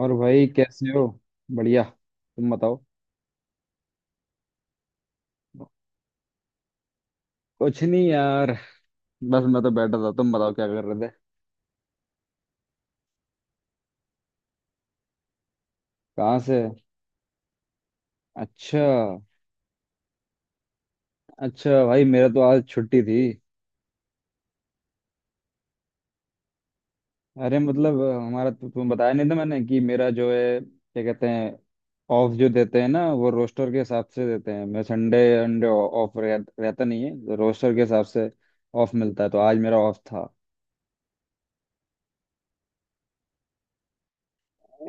और भाई कैसे हो? बढ़िया, तुम बताओ। कुछ नहीं यार, बस मैं तो बैठा था, तुम बताओ क्या कर रहे थे? कहाँ से? अच्छा। अच्छा भाई, मेरा तो आज छुट्टी थी। अरे मतलब हमारा तो तुम्हें बताया नहीं था मैंने कि मेरा जो है क्या कहते हैं, ऑफ जो देते हैं ना वो रोस्टर के हिसाब से देते हैं। मैं संडे अंडे ऑफ रहता नहीं है तो रोस्टर के हिसाब से ऑफ मिलता है, तो आज मेरा ऑफ था।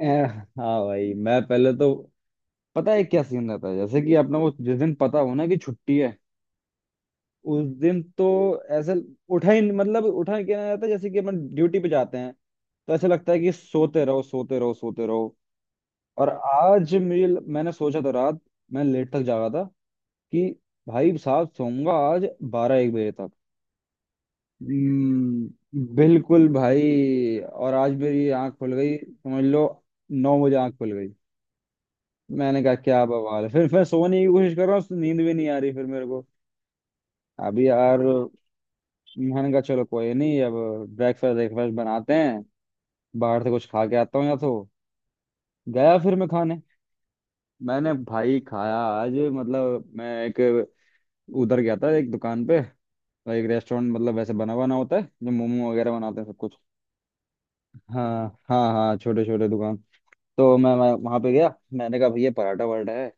ए, हाँ भाई, मैं पहले तो, पता है क्या सीन रहता है जैसे कि अपना वो, जिस दिन पता हो ना कि छुट्टी है, उस दिन तो ऐसे उठा ही मतलब उठा ही क्या ना जाता है जैसे कि अपन ड्यूटी पे जाते हैं, तो ऐसा लगता है कि सोते रहो सोते रहो सोते रहो। और आज मेरे, मैंने सोचा था रात, मैं लेट तक जागा था कि भाई साहब सोऊंगा आज 12-1 बजे तक। बिल्कुल भाई। और आज मेरी आंख खुल गई समझ लो, 9 बजे आंख खुल गई। मैंने कहा क्या बवाल है, फिर मैं सोने की कोशिश कर रहा हूँ, नींद भी नहीं आ रही फिर मेरे को। अभी यार, मैंने कहा चलो कोई नहीं, अब ब्रेकफास्ट ब्रेकफास्ट बनाते हैं, बाहर से कुछ खा के आता हूँ या तो। गया फिर मैं खाने। मैंने भाई खाया आज, मतलब मैं एक, उधर गया था एक दुकान पे, एक रेस्टोरेंट, मतलब वैसे बना बना होता है, जो मोमो वगैरह बनाते हैं सब कुछ। हाँ हाँ हाँ, छोटे छोटे दुकान, तो मैं वहां पे गया। मैंने कहा भैया पराठा वराठा है,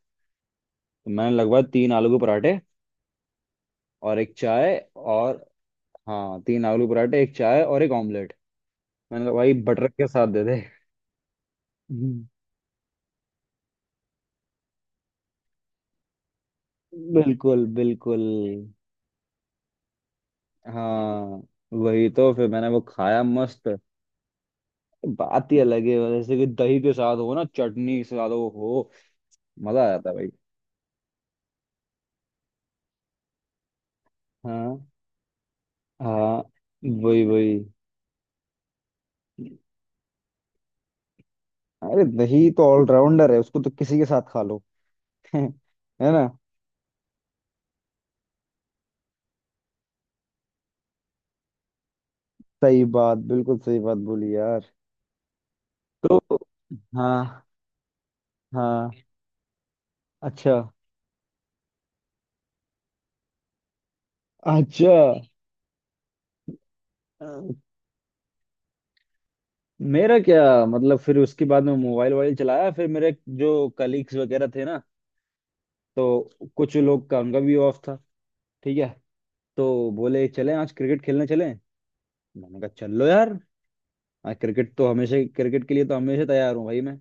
तो मैंने लगभग तीन आलू के पराठे और एक चाय और, हाँ तीन आलू पराठे एक चाय और एक ऑमलेट। मैंने कहा भाई बटर के साथ दे। दे। बिल्कुल बिल्कुल। हाँ वही, तो फिर मैंने वो खाया, मस्त। बात ही अलग है, जैसे कि दही के साथ हो ना, चटनी के साथ हो, मजा आ जाता है भाई। हाँ हाँ, वही वही। अरे दही तो ऑलराउंडर है, उसको तो किसी के साथ खा लो। है ना। सही बात, बिल्कुल सही बात बोली यार। तो हाँ। हाँ। अच्छा। अच्छा। अ, मेरा क्या मतलब, फिर उसके बाद में मोबाइल वोबाइल चलाया। फिर मेरे, जो कलीग्स वगैरह थे ना, तो कुछ लोग का, उनका भी ऑफ था। ठीक है, तो बोले चलें आज क्रिकेट खेलने चलें। मैंने कहा चल लो यार, आज क्रिकेट तो, हमेशा क्रिकेट के लिए तो हमेशा तैयार हूँ भाई मैं।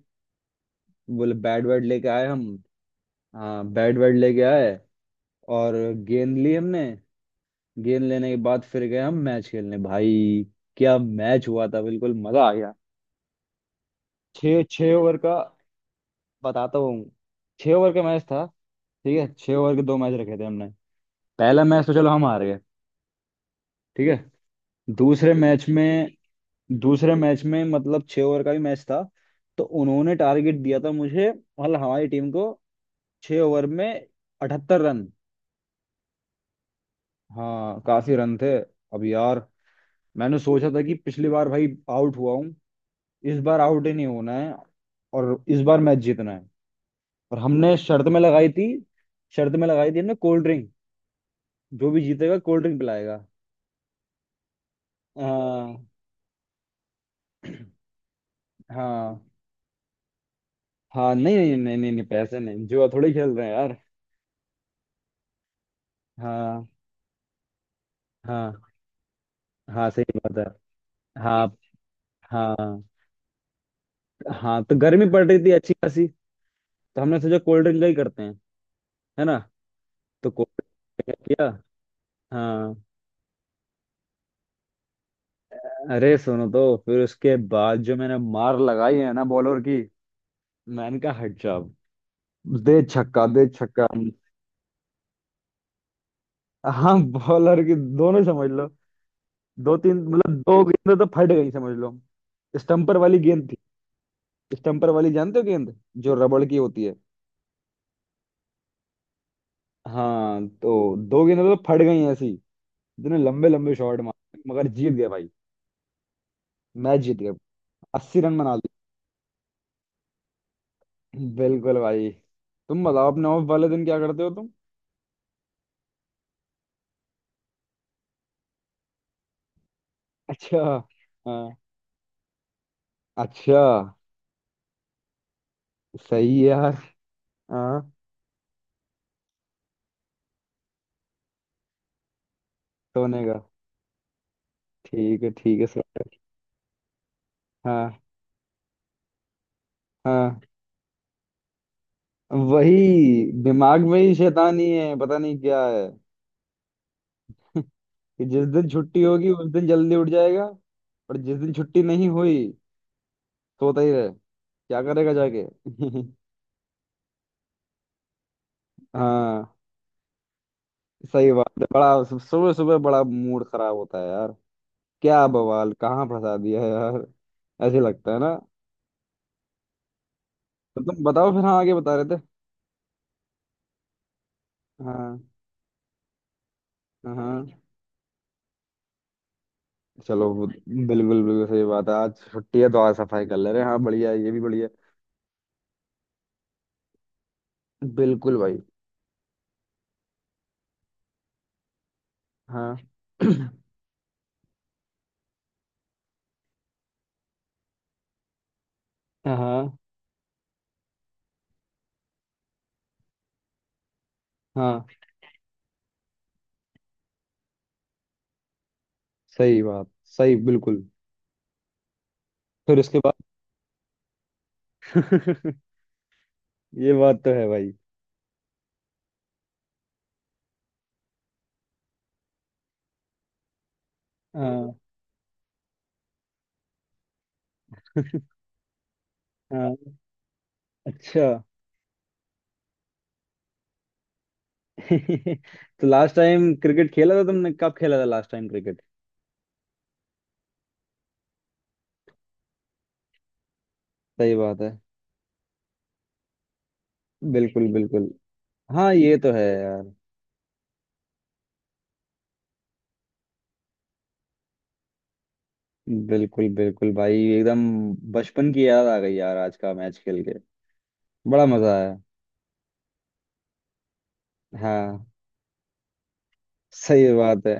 बोले बैट वैट लेके आए हम। हाँ बैट वैट लेके आए और गेंद ली हमने। गेंद लेने के बाद फिर गए हम मैच खेलने भाई। क्या मैच हुआ था, बिल्कुल मजा आ गया। छः छः ओवर का, बताता हूँ। 6 ओवर का मैच था। ठीक है, 6 ओवर के दो मैच रखे थे हमने। पहला मैच तो चलो हम हार गए, ठीक है। दूसरे मैच में, दूसरे मैच में मतलब 6 ओवर का भी मैच था, तो उन्होंने टारगेट दिया था मुझे, मतलब हमारी टीम को, 6 ओवर में 78 रन। हाँ काफी रन थे। अब यार, मैंने सोचा था कि पिछली बार भाई आउट हुआ हूँ, इस बार आउट ही नहीं होना है और इस बार मैच जीतना है। और हमने शर्त में लगाई थी, शर्त में लगाई थी हमने कोल्ड ड्रिंक, जो भी जीतेगा कोल्ड ड्रिंक पिलाएगा। हाँ हाँ हाँ नहीं नहीं नहीं नहीं नहीं, पैसे नहीं, जुआ थोड़ी खेल रहे हैं यार। हाँ हाँ हाँ सही बात है। हाँ। हाँ। हाँ, तो गर्मी पड़ रही थी अच्छी खासी, तो हमने सोचा कोल्ड ड्रिंक का ही करते हैं, है ना। तो कोल्ड ड्रिंक किया। हाँ। अरे सुनो, तो फिर उसके बाद जो मैंने मार लगाई है ना बॉलर की। मैंने कहा हट जा अब। दे छक्का, दे छक्का। हाँ बॉलर की, दोनों समझ लो, दो तीन मतलब दो गेंद तो फट गई समझ लो। स्टम्पर वाली गेंद थी। स्टम्पर वाली जानते हो गेंद, जो रबड़ की होती है। हाँ, तो दो गेंद तो फट गई ऐसी, इतने लंबे लंबे शॉट मारे, मगर जीत गए भाई। मैच जीत गए। 80 रन बना लिए बिल्कुल भाई। तुम बताओ, अपने ऑफ वाले दिन क्या करते हो तुम? अच्छा। हाँ। अच्छा। सही है यार। हाँ। सोने का। ठीक है सर। हाँ। हाँ, वही दिमाग में ही शैतानी है पता नहीं क्या है। कि जिस दिन छुट्टी होगी उस दिन जल्दी उठ जाएगा, और जिस दिन छुट्टी नहीं हुई सोता ही रहे। क्या करेगा जाके। हाँ सही बात है, बड़ा सुबह सुबह बड़ा मूड खराब होता है यार। क्या बवाल, कहाँ फंसा दिया यार। ऐसे लगता है ना। तो तुम बताओ फिर, हाँ आगे बता रहे थे। हाँ। हाँ। चलो बिल्कुल बिल्कुल सही बात है, आज छुट्टी है तो आज सफाई कर ले रहे हैं, हाँ बढ़िया है, ये भी बढ़िया है। बिल्कुल भाई। हाँ। हाँ। हाँ, सही बात, सही, बिल्कुल। फिर उसके बाद। ये बात तो है भाई। हाँ। हाँ। अच्छा। तो लास्ट टाइम क्रिकेट खेला था तुमने, कब खेला था लास्ट टाइम क्रिकेट? सही बात है। बिल्कुल बिल्कुल। हाँ ये तो है यार। बिल्कुल बिल्कुल भाई, एकदम बचपन की याद आ गई यार, आज का मैच खेल के बड़ा मजा आया। हाँ सही बात है।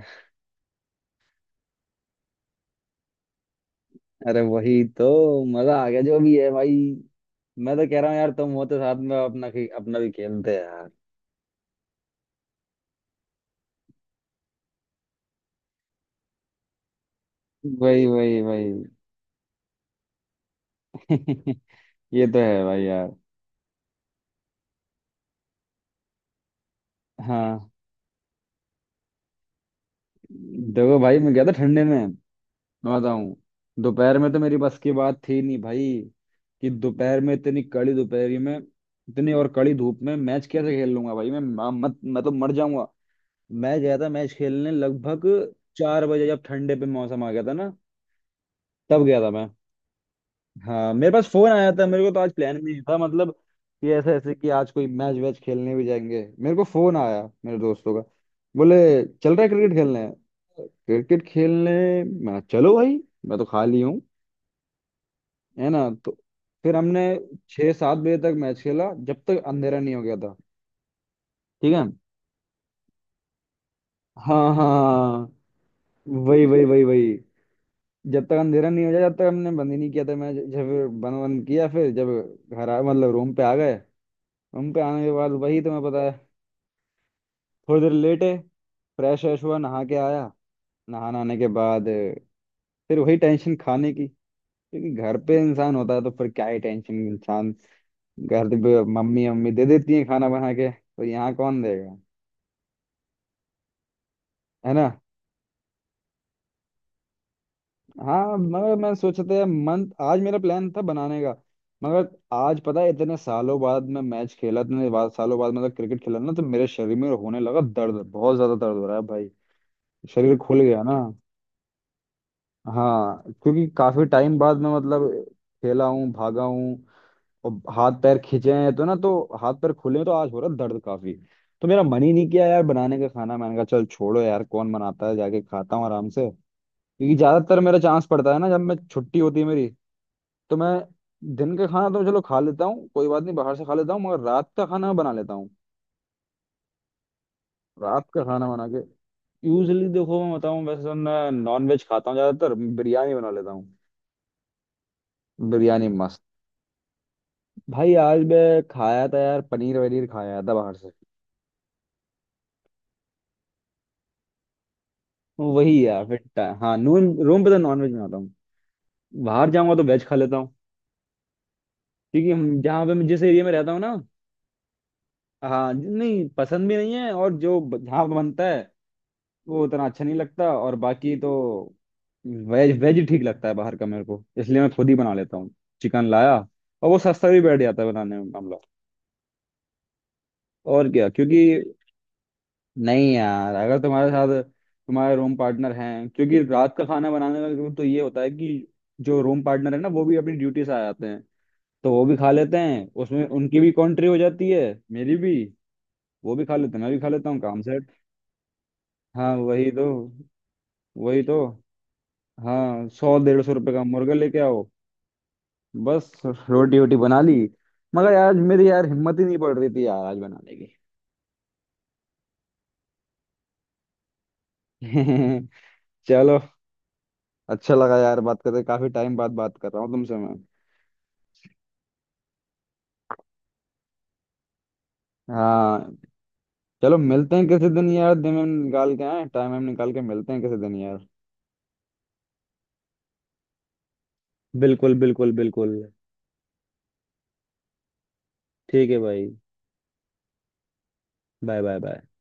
अरे वही तो, मजा आ गया जो भी है भाई। मैं तो कह रहा हूँ यार, तुम होते साथ में, अपना अपना भी खेलते हैं यार। वही वही वही। ये तो है भाई यार। हाँ, देखो भाई मैं गया था ठंडे में, मैं बताऊं, दोपहर में तो मेरी बस की बात थी नहीं भाई, कि दोपहर में इतनी कड़ी दोपहरी में, इतनी और कड़ी धूप में मैच कैसे खेल लूंगा भाई, मैं म- मत मैं तो मर जाऊंगा। मैं गया था मैच खेलने लगभग 4 बजे, जब ठंडे पे मौसम आ गया था ना, तब गया था मैं। हाँ, मेरे पास फोन आया था, मेरे को तो आज प्लान भी नहीं था मतलब, कि ऐसे ऐसे कि आज कोई मैच वैच खेलने भी जाएंगे। मेरे को फोन आया मेरे दोस्तों का, बोले चल रहा है क्रिकेट खेलने, क्रिकेट खेलने। मैं चलो भाई, मैं तो खाली हूँ, है ना। तो फिर हमने 6-7 बजे तक मैच खेला, जब तक अंधेरा नहीं हो गया था। ठीक है। हाँ हाँ हाँ। वही वही वही वही। जब तक अंधेरा नहीं हो जाए तब तक हमने बंद ही नहीं किया था मैच, जब बंद बंद किया फिर, जब घर आ मतलब रूम पे आ गए। रूम पे आने के बाद वही तुम्हें पता है, थोड़ी देर लेटे, फ्रेश व्रेश हुआ, नहा के आया। नहाने आने के बाद, फिर वही टेंशन खाने की। क्योंकि घर पे इंसान होता है तो फिर क्या ही टेंशन इंसान, घर पे मम्मी मम्मी दे देती है खाना बना के, तो यहाँ कौन देगा, है ना। हाँ, मगर मैं सोचा था मंथ, आज मेरा प्लान था बनाने का, मगर आज पता है इतने सालों बाद मैं मैच खेला, इतने बाद सालों बाद मतलब क्रिकेट खेला ना, तो मेरे शरीर में होने लगा दर्द, बहुत ज्यादा दर्द हो रहा है भाई, शरीर खुल गया ना। हाँ, क्योंकि काफी टाइम बाद मैं मतलब खेला हूँ, भागा हूँ, और हाथ पैर खींचे हैं तो ना, तो हाथ पैर खुले हैं तो आज हो रहा है दर्द काफी। तो मेरा मन ही नहीं किया यार बनाने का खाना, मैंने कहा चल छोड़ो यार कौन बनाता है, जाके खाता हूँ आराम से। क्योंकि ज्यादातर मेरा चांस पड़ता है ना, जब मैं छुट्टी होती है मेरी, तो मैं दिन का खाना तो चलो खा लेता हूँ, कोई बात नहीं बाहर से खा लेता हूँ, मगर रात का खाना बना लेता हूँ। रात का खाना बना के, यूजली देखो मैं बताऊँ, वैसे तो मैं नॉन वेज खाता हूँ, ज्यादातर बिरयानी बना लेता हूँ। बिरयानी मस्त। भाई आज मैं खाया था यार पनीर वनीर, खाया था बाहर से। वही यार फिट, हाँ नून रूम पे तो नॉन वेज बनाता हूँ। बाहर जाऊंगा तो वेज खा लेता हूँ, क्योंकि जहाँ पे मैं जिस एरिया में रहता हूँ ना। हाँ, नहीं पसंद भी नहीं है, और जो जहाँ पे बनता है वो उतना अच्छा नहीं लगता, और बाकी तो वेज वेज ही ठीक लगता है बाहर का मेरे को, इसलिए मैं खुद ही बना लेता हूँ, चिकन लाया, और वो सस्ता भी बैठ जाता है बनाने में मामला, और क्या क्योंकि, नहीं यार अगर तुम्हारे साथ तुम्हारे रूम पार्टनर हैं, क्योंकि रात का खाना बनाने का तो ये होता है कि जो रूम पार्टनर है ना वो भी अपनी ड्यूटी से आ जाते हैं, तो वो भी खा लेते हैं, उसमें उनकी भी कॉन्ट्री हो जाती है, मेरी भी, वो भी खा लेते हैं मैं भी खा लेता हूँ, काम सेट। हाँ वही तो, वही तो। हाँ, 100-150 रुपये का मुर्गा लेके आओ, बस। रोटी वोटी बना ली, मगर यार मेरी यार हिम्मत ही नहीं पड़ रही थी यार आज बनाने की। चलो, अच्छा लगा यार बात करके, काफी टाइम बाद बात कर रहा हूँ तुमसे मैं। हाँ, चलो मिलते हैं किसी दिन यार, दिन में निकाल के, आए टाइम वाइम निकाल के, मिलते हैं किसी दिन यार। बिल्कुल बिल्कुल बिल्कुल। ठीक है भाई। Bye bye bye.